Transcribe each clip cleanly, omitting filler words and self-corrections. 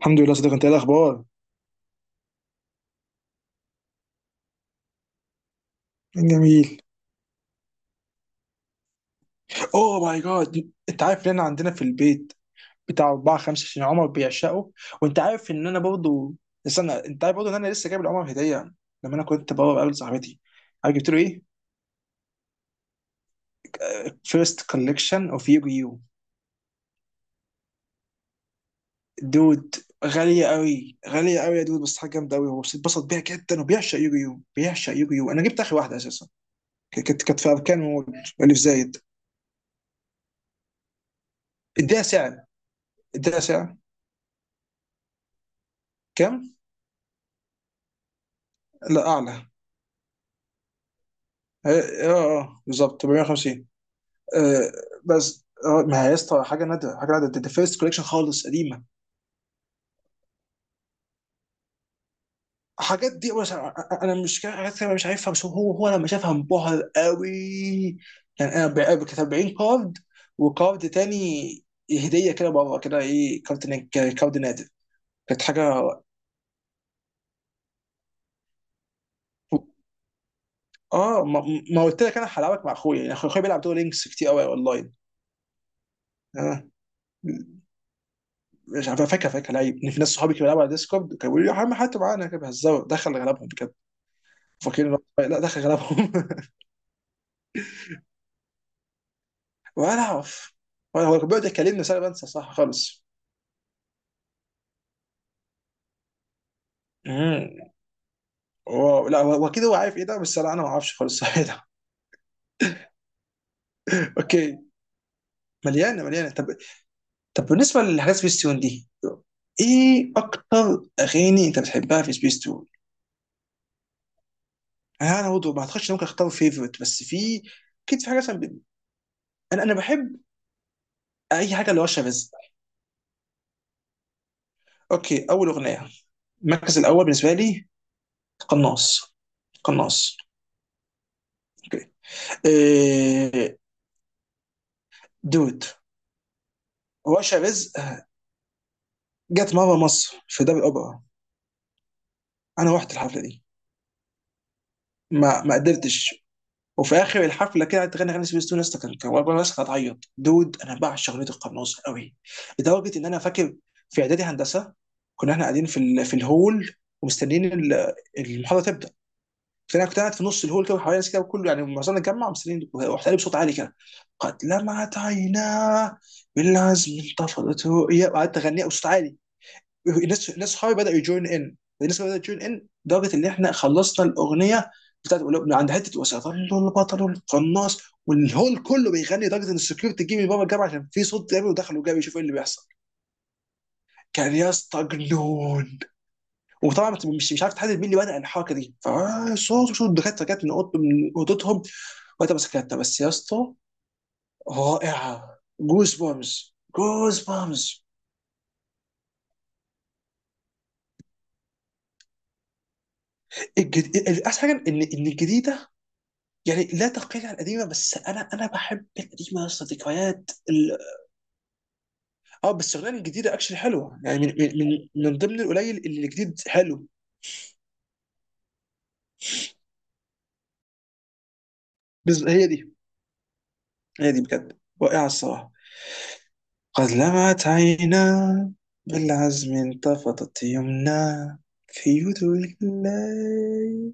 الحمد لله صديق. انت ايه الاخبار؟ جميل. اوه ماي جاد، انت عارف ان انا عندنا في البيت بتاع اربعه خمسه عشان عمر بيعشقه، وانت عارف ان انا برضو، استنى، انت عارف برضو ان انا لسه جايب لعمر هديه لما انا كنت بره بقابل صاحبتي؟ عارف جبت له ايه؟ فيرست كولكشن اوف يوجي يو، دود. غاليه قوي، غاليه قوي يا دود، بس حاجه جامده قوي، هو اتبسط بيها جدا، وبيعشق يوجي يو، بيعشق يوجي يو. انا جبت اخر واحده اساسا. كانت في اركان مول، اللي في زايد. اديها سعر، اديها سعر. كام؟ لا، اعلى. بالظبط 450. آه بس ما هي يا اسطى حاجه نادره، حاجه نادره. ده فيرست كوليكشن خالص، قديمه. الحاجات دي، بس انا أنا مش كا- حاجات كده مش عارفها، بس هو لما شافها انبهر قوي. يعني كانت 40 كارد، وكارد تاني هديه كده، بره كده ايه، كارد نادر. كانت حاجه. اه، ما قلت لك انا هلعبك مع اخويا؟ يعني اخويا بيلعب دور لينكس كتير قوي اونلاين. آه. مش عارف، فاكر، فاكر، لا، ان في ناس صحابي كانوا بيلعبوا على ديسكورد، كانوا بيقولوا لي يا عم حتى معانا كده بيهزروا، دخل غلبهم بجد، فاكرين إن لا، دخل غلبهم. ولا اعرف، ولا هو كان بيقعد يكلمني بس انا بنسى، صح خالص. امم، واو، لا، هو، هو كده، هو عارف ايه ده، بس لا، انا ما اعرفش خالص. صح ده. اوكي، مليانه مليانه. طب، طب بالنسبه لحاجات سبيس تون دي، ايه اكتر اغاني انت بتحبها في سبيس تون؟ انا برضه ما اعتقدش إن ممكن اختار فيفورت، بس في، اكيد في حاجه مثلا انا بحب اي حاجه لرشا رزق. اوكي، اول اغنيه، المركز الاول بالنسبه لي، قناص. قناص. اوكي، إيه، دود. رشا رزق جت مره مصر في دار الاوبرا. انا رحت الحفله دي، ما قدرتش. وفي اخر الحفله كده قعدت تغني اغاني سبيس تون، لسه كان والله، الناس كانت هتعيط، دود، انا بعشق اغنيه القناص قوي، لدرجه ان انا فاكر، في اعدادي هندسه كنا احنا قاعدين في في الهول ومستنيين المحاضره تبدا، فانا كنت قاعد في نص الهول كده وحواليا ناس كده، وكله يعني معظمنا اتجمع ومستنيين، ورحت قايل بصوت عالي كده: قد لمعت عيناه بالعزم انتفضت رؤيا. وقعدت اغنيها بصوت عالي، الناس صحابي بداوا يجوين، ان الناس بدات تجوين، ان لدرجه ان احنا خلصنا الاغنيه بتاعت، عند حته وسيظل البطل القناص، والهول كله بيغني، لدرجه ان السكيورتي جه من بابا الجامعه عشان في صوت جامد، ودخلوا جابوا يشوفوا ايه اللي بيحصل. كان يا اسطى جنون. وطبعا مش عارف تحدد مين اللي بدأ الحركه دي، فصوت الدكاتره جت من اوضه، من اوضتهم، وقتها مسكتها بس يا اسطى. رائعه، جوز بامز، جوز بامز. احسن حاجه ان الجديده يعني لا تقل عن القديمه، بس انا بحب القديمه يا اسطى، ذكريات اه بس الأغنية الجديده اكشلي حلوه، يعني من ضمن القليل اللي الجديد حلو. بس هي دي، هي دي بجد رائعه الصراحه. قد لمعت عينا بالعزم انتفضت يمنا، في يدرك الليل.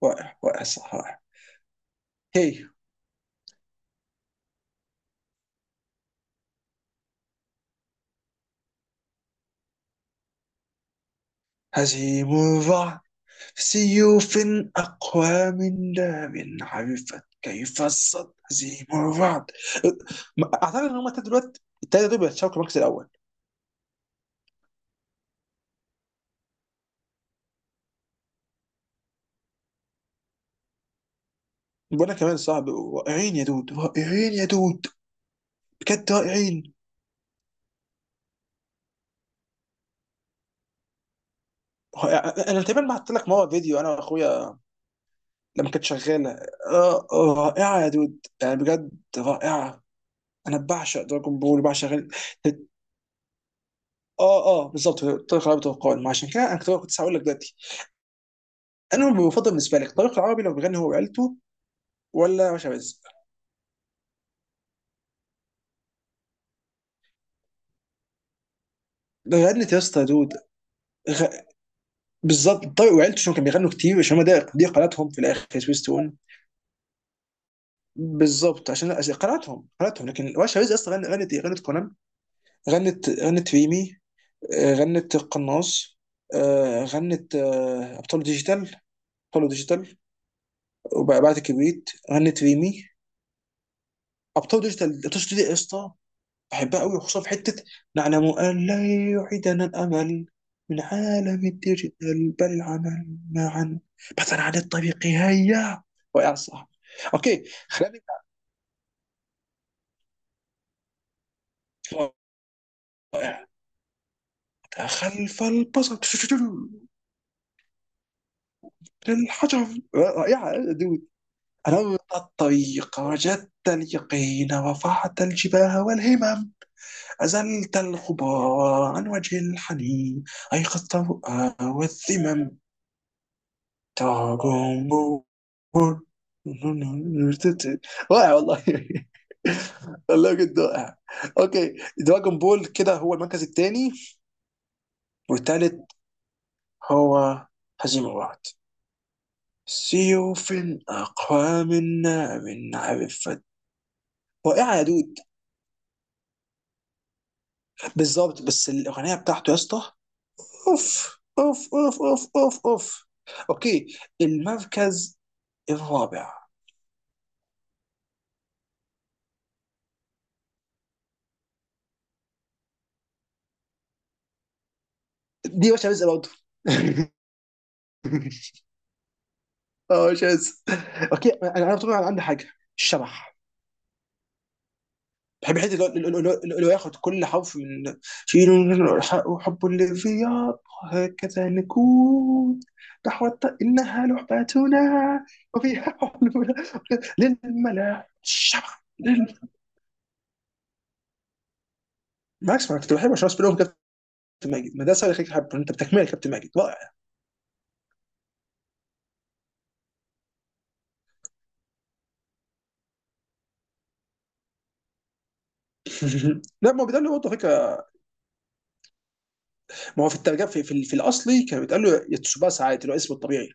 واقع، واقع، صح، واقع. هي، هزيم الرعد، سيوف أقوى من داب، عرفت كيف الصد هزيم الرعد. أعتقد إن هما التلاتة دلوقتي، التلاتة دول بيتشاركوا المركز الأول. وأنا كمان، صعب. رائعين يا دود، رائعين يا دود، بجد رائعين. أنا تقريبا بعت لك مرة فيديو، أنا وأخويا لما كانت شغاله. آه، آه، رائعه يا دود، يعني بجد رائعه. انا بعشق دراجون بول، بعشق غل... اه، اه، بالظبط، طريق العربي، طريق القوانين، ما عشان كده انا كنت هقول لك دلوقتي، انا المفضل بالنسبه لك طريق العربي لو بيغني هو وعيلته، ولا باشا رزق؟ ده غنت يا اسطى، يا دود، غ... بالظبط، طارق وعيلته عشان كانوا بيغنوا كتير، عشان هم ده دي قناتهم في الاخر في سويستون. بالظبط، عشان، عشان قناتهم، قناتهم. لكن باشا رزق اصلا غنت، غنت كونان، غنت ريمي، آه، غنت القناص، آه، غنت، آه، ابطال ديجيتال. ابطال ديجيتال وبعد كبريت غنت ريمي. ابطال ديجيتال، الأبطال دي يا اسطى بحبها قوي، وخصوصا في حته: نعلم ان لا يعيدنا الامل من عالم الديجيتال بل العمل معا، بحثا عن الطريق هيا. واقع، صح. اوكي، خلينا نبدا. رائع. خلف البصر، للحجر. رائعه. أنورت الطريق وجدت اليقين، رفعت الجباه والهمم، أزلت الغبار عن وجه الحنين، أيقظت الرؤى والذمم. تراكم، واقع، والله. والله جد واقع. اوكي، دراجون بول كده هو المركز الثاني، والثالث هو هزيمة، واحد. سيوف أقوى من نار، عرفت. رائعة يا دود، بالظبط، بس الاغنيه بتاعته يا اسطى، اوف اوف اوف اوف اوف اوف. اوكي، المركز الرابع، دي مش عايز برضه. اه مش عايز. اوكي انا، انا طبعا عندي حاجه، الشبح. بحب الحته اللي هو ياخد كل حرف من: شيلوا الحق وحب اللي في ياض، هكذا نكون، نحو، انها لعبتنا وفيها حلول، للملاح الشبح بالعكس، ما كنت بحب عشان بينهم كابتن ماجد، ما ده سؤال يخليك تحبه، انت بتكمله، كابتن ماجد رائع. لا، ما هو بيتقال له برضه، فكره. ما هو في الترجمه، في الاصلي كان بيتقال له يتسوباسا عادي، اللي هو اسمه الطبيعي.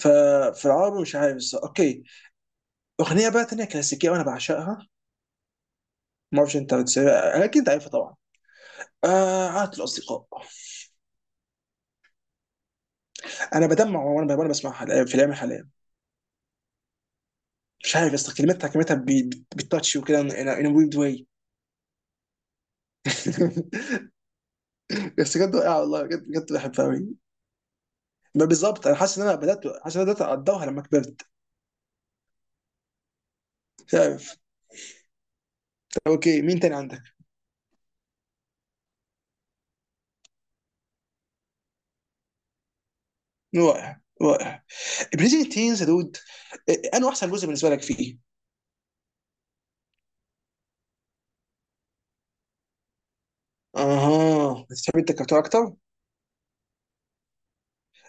ففي العربي مش عارف، بس اوكي. اغنيه بقى ثانيه كلاسيكيه وانا بعشقها، ما اعرفش انت بتسمعها، اكيد انت عارفها طبعا، آه، عادة الاصدقاء. انا بدمع وانا بسمعها في الايام الحاليه، مش عارف يا اسطى، كلمتها، كلمتها بالتاتش وكده، ان ويرد واي. بس بجد واقعه، والله بجد، بجد بحبها قوي. ما بالظبط، انا حاسس ان انا بدات اقدرها لما كبرت. مش عارف. اوكي، مين تاني عندك؟ رائع، رائع، بريزنت تينز يا دود. إيه، انا احسن جزء بالنسبه لك فيه؟ اها، بتحب انت الكرتون اكتر؟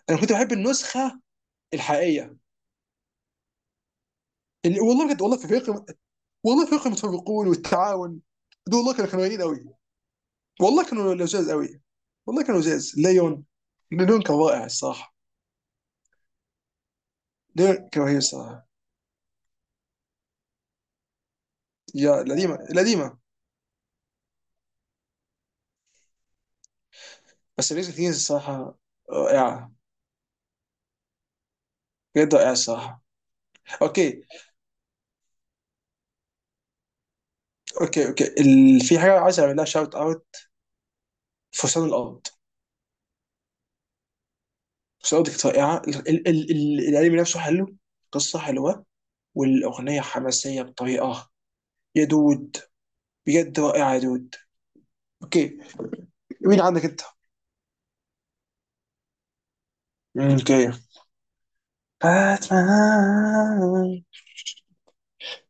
انا كنت بحب النسخه الحقيقيه، اللي والله بجد، والله في فريق، والله فريق المتفوقون والتعاون، دول والله كانوا قويين قوي، والله كانوا لزاز قوي، والله كانوا لزاز. ليون، ليون كان رائع الصراحه، ليون كان رهيب الصراحه. يا القديمه، القديمه. بس بريزنت تينز الصراحه رائعه، بجد رائعه الصراحه. اوكي، اوكي، اوكي، في حاجه عايز اعمل لها شاوت اوت، فرسان الارض. فرسان الارض كانت رائعه، الانمي نفسه حلو، قصه حلوه، والاغنيه حماسيه بطريقه يا دود، بجد رائعه يا دود. اوكي، مين عندك انت؟ اوكي، باتمان.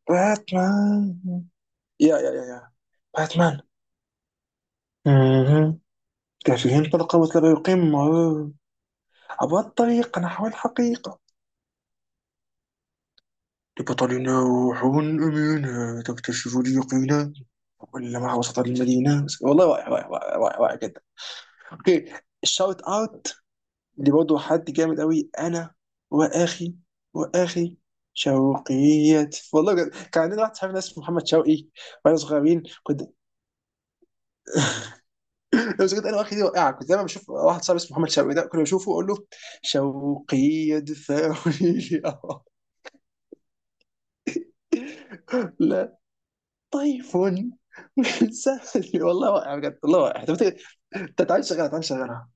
باتمان. يا باتمان. مهم. كافيين طلقة مثل القمة، عبر الطريق نحو الحقيقة، لبطلنا روح أمينة تكتشف اليقين، كلما وصلت المدينة. والله رائع رائع رائع رائع رائع جدا. اوكي، شاوت اوت لبرضه حد جامد قوي، انا واخي، واخي، شوقيات، والله بجد كان عندنا واحد صاحبنا اسمه محمد شوقي، وانا صغيرين كنت، لو كنت انا واخي دي وقعه، كنت دايما بشوف واحد صاحبي اسمه محمد شوقي، ده كنت بشوفه اقول له: شوقي ادفعوني لي. آه. لا، طيف. سهل والله، واقع بجد، والله واقع. طب إنت تعالى شغلها، تعالى شغلها.